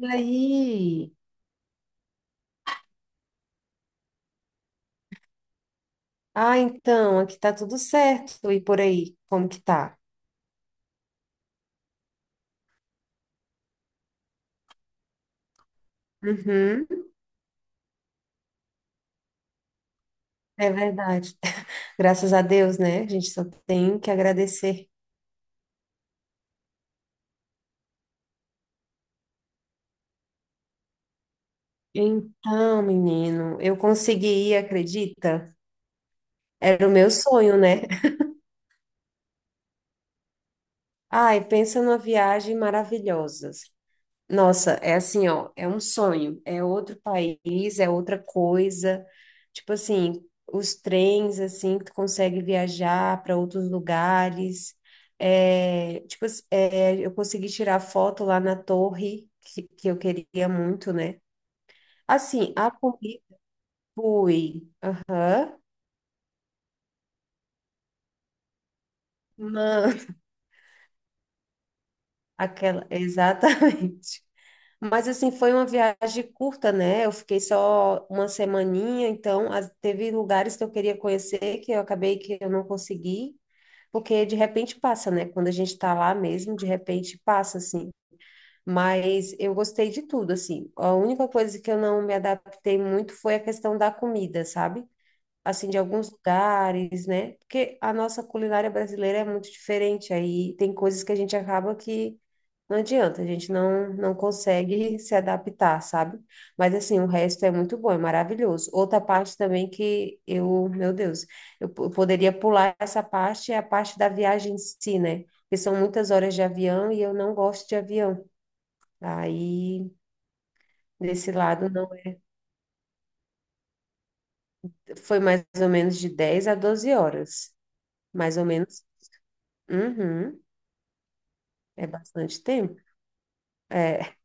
E aí? Ah, então, aqui tá tudo certo. E por aí, como que tá? Uhum, é verdade. Graças a Deus, né? A gente só tem que agradecer. Então, menino, eu consegui ir, acredita? Era o meu sonho, né? Ai, pensa numa viagem maravilhosa. Nossa, é assim, ó, é um sonho, é outro país, é outra coisa. Tipo assim, os trens, assim, que tu consegue viajar para outros lugares. É, tipo, é, eu consegui tirar foto lá na torre, que eu queria muito, né? Assim, a Cumbi fui. Aham. Mano, aquela, exatamente. Mas assim, foi uma viagem curta, né? Eu fiquei só uma semaninha, então teve lugares que eu queria conhecer que eu acabei que eu não consegui, porque de repente passa, né? Quando a gente tá lá mesmo, de repente passa, assim. Mas eu gostei de tudo, assim. A única coisa que eu não me adaptei muito foi a questão da comida, sabe? Assim, de alguns lugares, né? Porque a nossa culinária brasileira é muito diferente, aí tem coisas que a gente acaba que não adianta, a gente não, não consegue se adaptar, sabe? Mas, assim, o resto é muito bom, é maravilhoso. Outra parte também que eu, meu Deus, eu poderia pular essa parte, é a parte da viagem em si, né? Porque são muitas horas de avião e eu não gosto de avião. Aí, desse lado, não foi mais ou menos de 10 a 12 horas, mais ou menos. Uhum. É bastante tempo? É.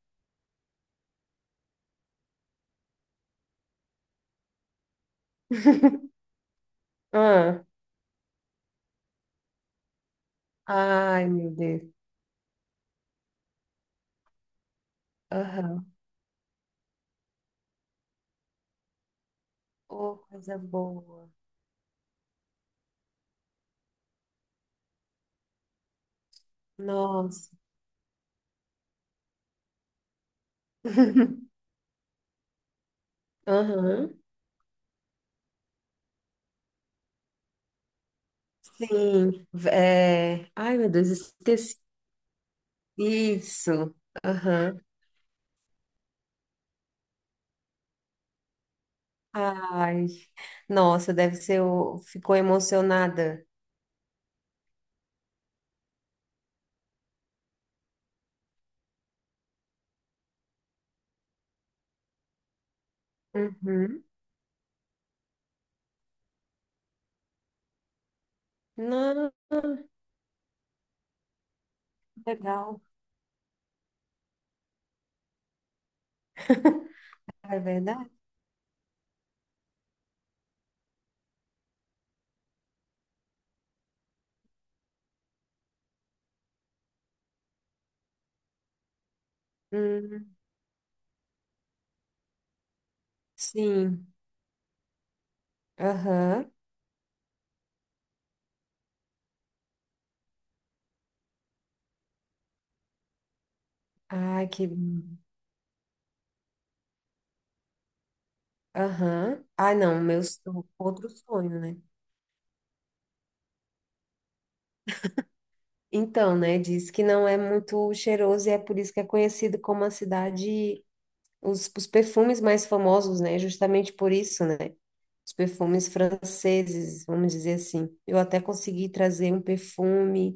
Ah. Ai, meu Deus. Aham. Oh, coisa boa. Nossa. Aham. Sim. É. Ai, meu Deus, esqueci. Isso. Aham. Ai. Nossa, deve ser. Ficou emocionada. Uhum. Não, legal. É verdade? Hum, sim. Aham. Ai, que. Aham. Ai, não, outro sonho, né? Então, né, diz que não é muito cheiroso e é por isso que é conhecido como a cidade, os perfumes mais famosos, né, justamente por isso, né, os perfumes franceses, vamos dizer assim. Eu até consegui trazer um perfume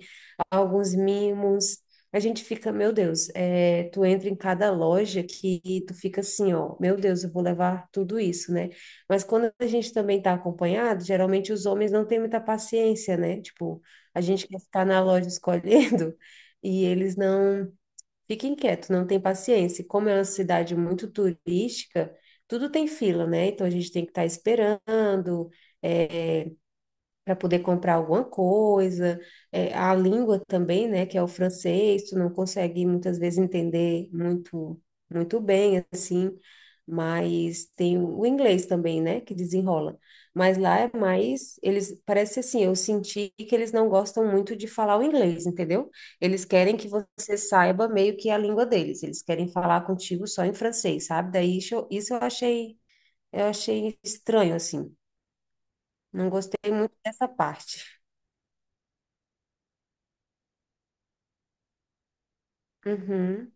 alguns mimos. A gente fica, meu Deus, é, tu entra em cada loja que tu fica assim, ó, meu Deus, eu vou levar tudo isso, né? Mas quando a gente também tá acompanhado, geralmente os homens não têm muita paciência, né? Tipo, a gente quer ficar na loja escolhendo e eles não ficam quietos, não têm paciência. E como é uma cidade muito turística, tudo tem fila, né? Então a gente tem que estar esperando eh, para poder comprar alguma coisa, é, a língua também, né, que é o francês, tu não consegue muitas vezes entender muito, muito bem, assim, mas tem o inglês também, né, que desenrola. Mas lá é mais, eles, parece assim, eu senti que eles não gostam muito de falar o inglês, entendeu? Eles querem que você saiba meio que a língua deles, eles querem falar contigo só em francês, sabe? Daí isso, isso eu achei estranho, assim, não gostei muito dessa parte. Uhum.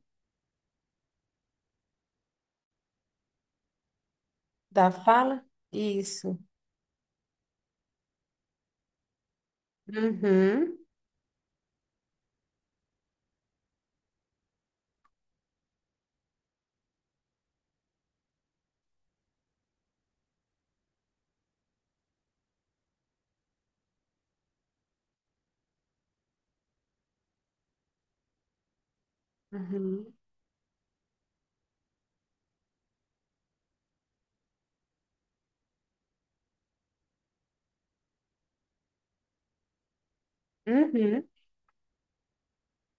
Da fala? Isso. Uhum. Uhum. Uhum.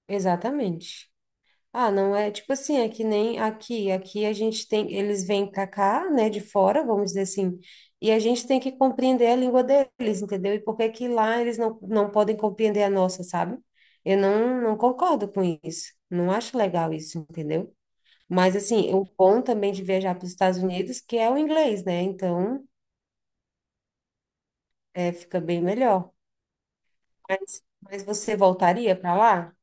Exatamente. Ah, não é tipo assim, é que nem aqui, aqui a gente tem, eles vêm pra cá, né, de fora, vamos dizer assim, e a gente tem que compreender a língua deles, entendeu? E por que que lá eles não, não podem compreender a nossa, sabe? Eu não, não concordo com isso, não acho legal isso, entendeu? Mas assim, o bom também de viajar para os Estados Unidos, que é o inglês, né? Então, é, fica bem melhor. Mas você voltaria para lá?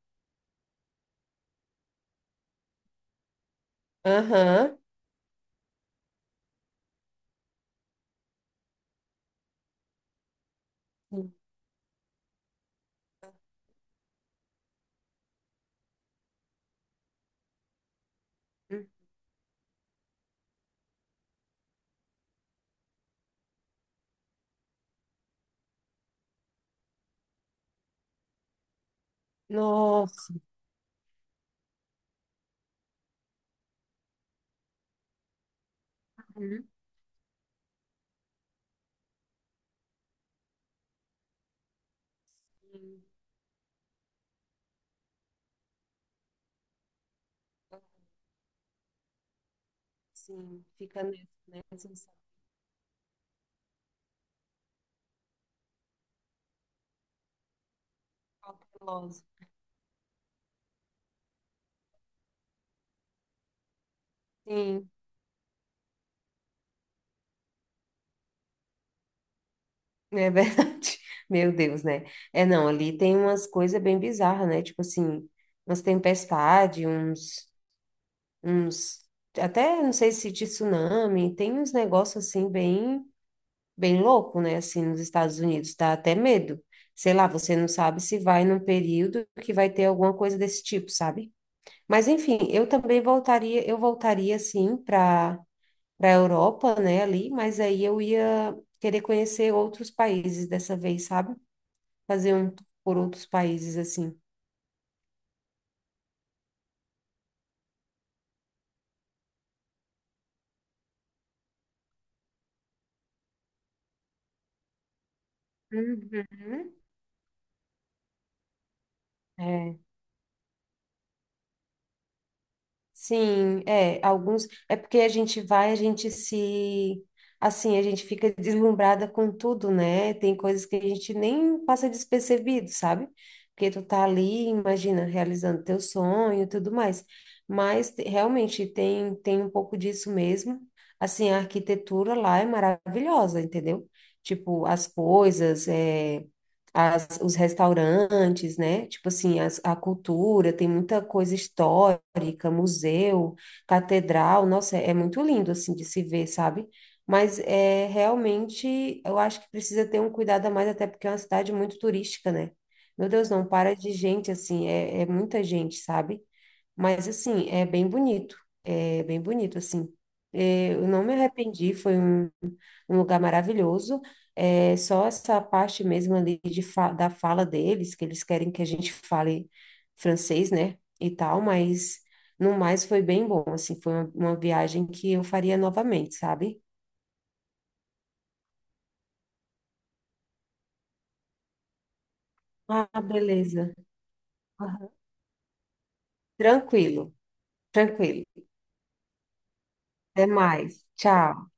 Aham. Uhum. Nossa. Uhum. Sim, sim, fica nessa, né? Sensação cautelosa. Sim, é verdade. Meu Deus, né? É, não, ali tem umas coisas bem bizarras, né? Tipo assim, umas tempestades, uns, até não sei se de tsunami, tem uns negócios assim bem. Bem louco, né? Assim, nos Estados Unidos, dá até medo. Sei lá, você não sabe se vai num período que vai ter alguma coisa desse tipo, sabe? Mas enfim, eu também voltaria, eu voltaria sim para Europa, né, ali, mas aí eu ia querer conhecer outros países dessa vez, sabe? Fazer um tour por outros países assim. Uhum. É. Sim, é, alguns, é porque a gente vai, a gente se, assim, a gente fica deslumbrada com tudo, né? Tem coisas que a gente nem passa despercebido, sabe? Porque tu tá ali, imagina, realizando teu sonho e tudo mais. Mas realmente tem um pouco disso mesmo. Assim, a arquitetura lá é maravilhosa, entendeu? Tipo, as coisas, é os restaurantes, né? Tipo assim, a cultura, tem muita coisa histórica, museu, catedral, nossa, é, é muito lindo assim de se ver, sabe? Mas é realmente, eu acho que precisa ter um cuidado a mais, até porque é uma cidade muito turística, né? Meu Deus, não para de gente assim, é, é muita gente, sabe? Mas, assim, é bem bonito. É bem bonito, assim. É, eu não me arrependi, foi um lugar maravilhoso. É, só essa parte mesmo ali da fala deles, que eles querem que a gente fale francês, né? E tal, mas no mais foi bem bom, assim. Foi uma viagem que eu faria novamente, sabe? Ah, beleza. Aham. Tranquilo, tranquilo. Até mais. Tchau.